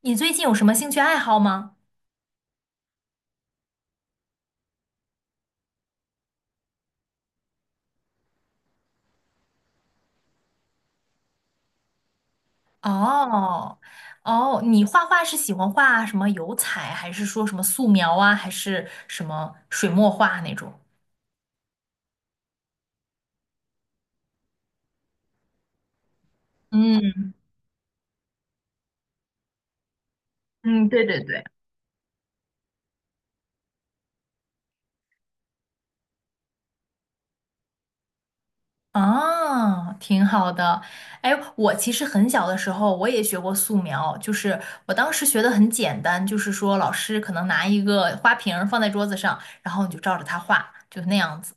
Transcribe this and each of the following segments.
你最近有什么兴趣爱好吗？哦。哦，你画画是喜欢画什么油彩，还是说什么素描啊，还是什么水墨画那种？嗯嗯，对对对。啊，挺好的。哎，我其实很小的时候我也学过素描，就是我当时学的很简单，就是说老师可能拿一个花瓶儿放在桌子上，然后你就照着它画，就那样子。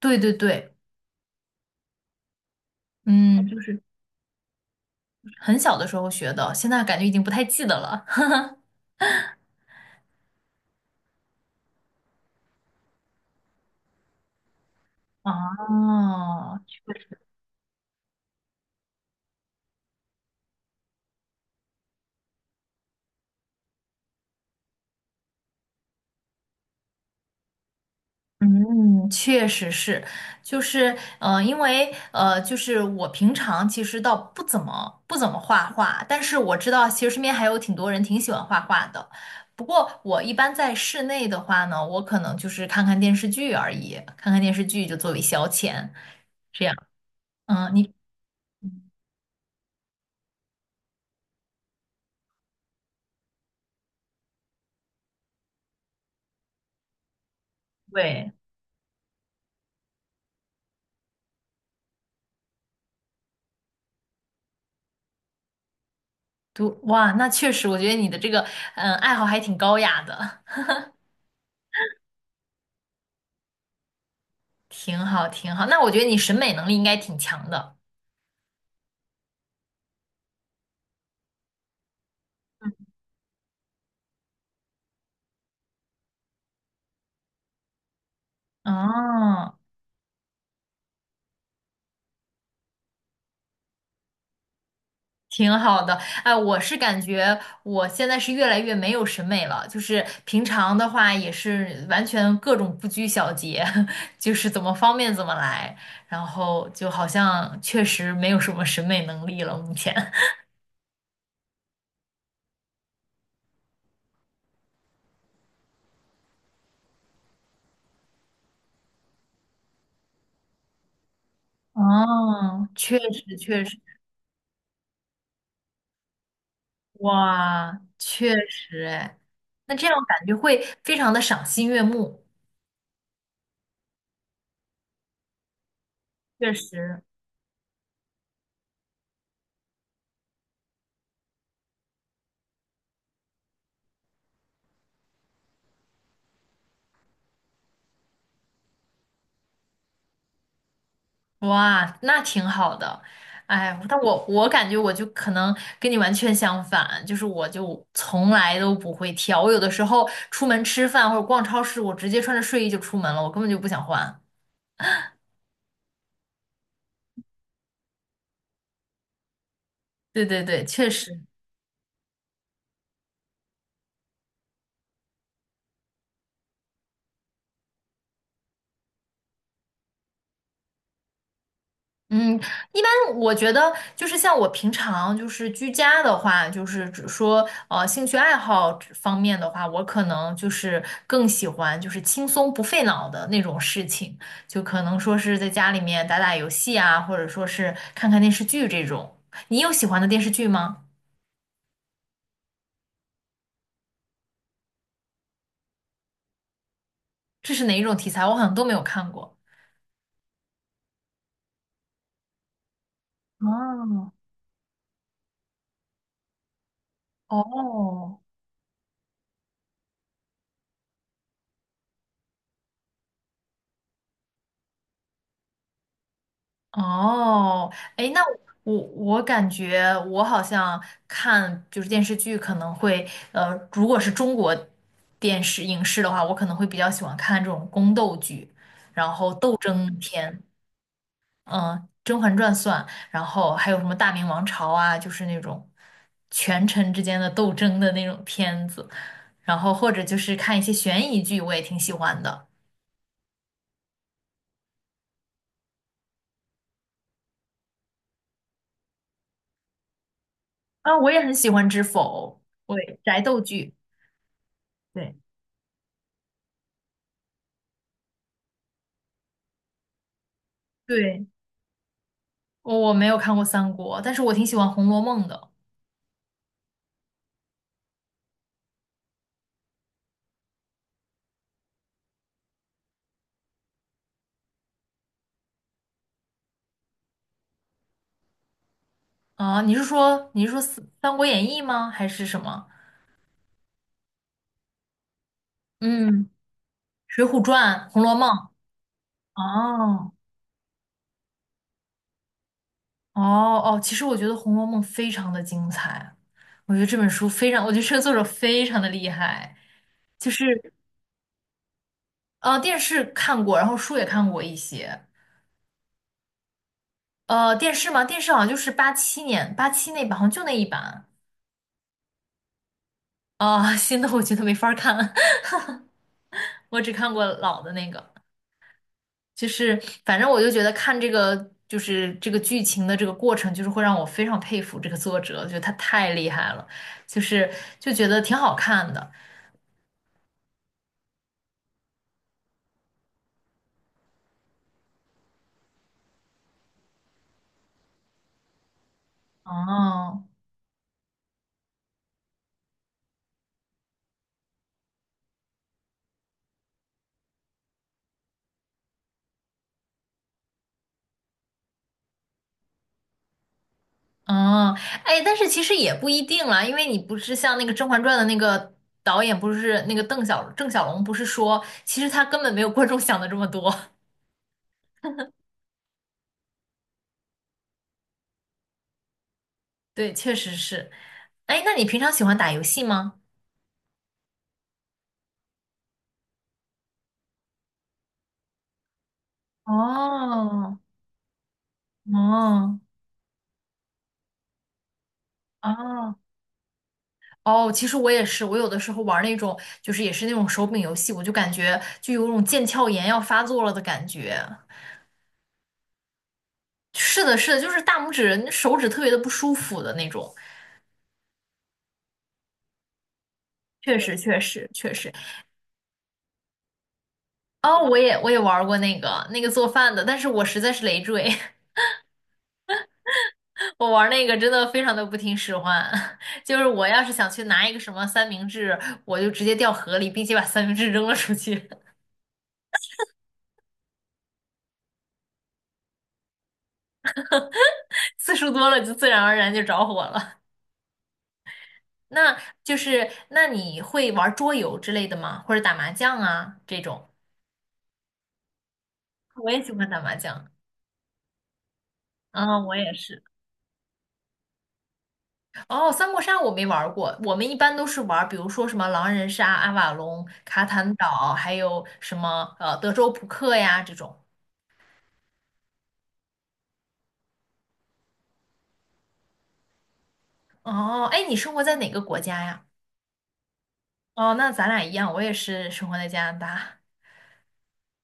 对对对。嗯，就是很小的时候学的，现在感觉已经不太记得了。哦，确实。嗯，确实是，就是，因为，就是我平常其实倒不怎么画画，但是我知道其实身边还有挺多人挺喜欢画画的。不过我一般在室内的话呢，我可能就是看看电视剧而已，看看电视剧就作为消遣，这样。嗯，你对，读，哇，那确实，我觉得你的这个，嗯，爱好还挺高雅的。挺好，挺好。那我觉得你审美能力应该挺强的。哦，挺好的。哎，我现在是越来越没有审美了，就是平常的话也是完全各种不拘小节，就是怎么方便怎么来，然后就好像确实没有什么审美能力了，目前。哦，确实确实。哇，确实哎，那这样感觉会非常的赏心悦目。确实。哇，那挺好的。哎，但我感觉我就可能跟你完全相反，就是我就从来都不会挑，我有的时候出门吃饭或者逛超市，我直接穿着睡衣就出门了，我根本就不想换。对对对，确实。嗯，一般我觉得就是像我平常就是居家的话，就是只说兴趣爱好这方面的话，我可能就是更喜欢就是轻松不费脑的那种事情，就可能说是在家里面打打游戏啊，或者说是看看电视剧这种。你有喜欢的电视剧吗？这是哪一种题材？我好像都没有看过。哦。哦。哦。哎，那我感觉我好像看就是电视剧，可能会如果是中国电视影视的话，我可能会比较喜欢看这种宫斗剧，然后斗争片。嗯、甄嬛传》算，然后还有什么《大明王朝》啊，就是那种权臣之间的斗争的那种片子，然后或者就是看一些悬疑剧，我也挺喜欢的。啊，我也很喜欢《知否》。对，宅斗剧。对对。我没有看过三国，但是我挺喜欢《红楼梦》的。啊。你是说三《三国演义》吗？还是什么？嗯，《水浒传》《红楼梦》。哦。哦。哦，其实我觉得《红楼梦》非常的精彩，我觉得这本书非常，我觉得这个作者非常的厉害。就是电视看过，然后书也看过一些。电视嘛，电视好像就是八七年八七那版，好像就那一版。啊、新的我觉得没法儿看，我只看过老的那个。就是反正我就觉得看这个就是这个剧情的这个过程，就是会让我非常佩服这个作者，觉得他太厉害了，就是就觉得挺好看的。哦。哦。哎，但是其实也不一定啦，因为你不是像那个《甄嬛传》的那个导演，不是那个郑晓龙，不是说其实他根本没有观众想的这么多。对，确实是。哎，那你平常喜欢打游戏吗？哦。哦。哦。哦，其实我也是，我有的时候玩儿那种，就是也是那种手柄游戏，我就感觉就有种腱鞘炎要发作了的感觉。是的，是的，就是大拇指、手指特别的不舒服的那种。确实，确实，确实。哦，我也玩儿过那个做饭的，但是我实在是累赘，我玩儿那个真的非常的不听使唤。就是我要是想去拿一个什么三明治，我就直接掉河里，并且把三明治扔了出去，次数多了就自然而然就着火了。那就是那你会玩桌游之类的吗？或者打麻将啊这种？我也喜欢打麻将。啊，我也是。哦，三国杀我没玩儿过，我们一般都是玩儿，比如说什么狼人杀、阿瓦隆、卡坦岛，还有什么德州扑克呀这种。哦。哎，你生活在哪个国家呀？哦，那咱俩一样，我也是生活在加拿大。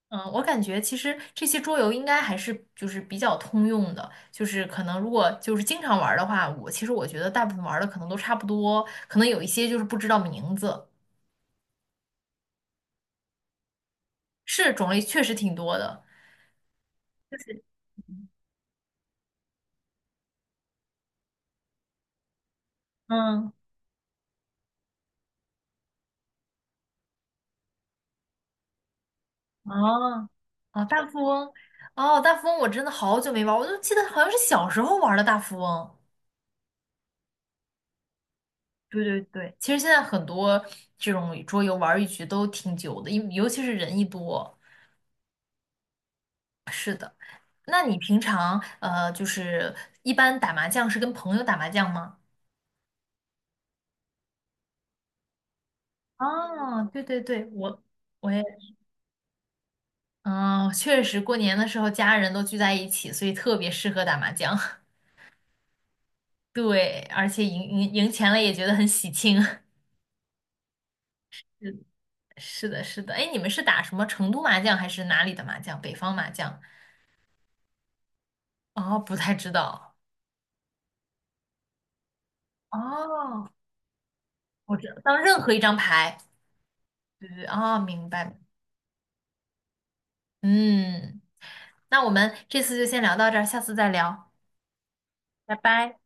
嗯，我感觉其实这些桌游应该还是就是比较通用的，就是可能如果就是经常玩儿的话，我其实我觉得大部分玩儿的可能都差不多，可能有一些就是不知道名字。是种类确实挺多的，就是嗯。哦。哦，大富翁。哦，大富翁我真的好久没玩儿，我就记得好像是小时候玩儿的大富翁。对对对，其实现在很多这种桌游玩儿一局都挺久的，尤其是人一多。那你平常就是一般打麻将是跟朋友打麻将吗？哦，对对对，我也，嗯、确实过年的时候家人都聚在一起，所以特别适合打麻将。对，而且赢钱了也觉得很喜庆。是是的，是的。哎，你们是打什么成都麻将还是哪里的麻将？北方麻将？哦，不太知道。哦，我知道，当任何一张牌。对对。哦，明白。嗯，那我们这次就先聊到这儿，下次再聊。拜拜。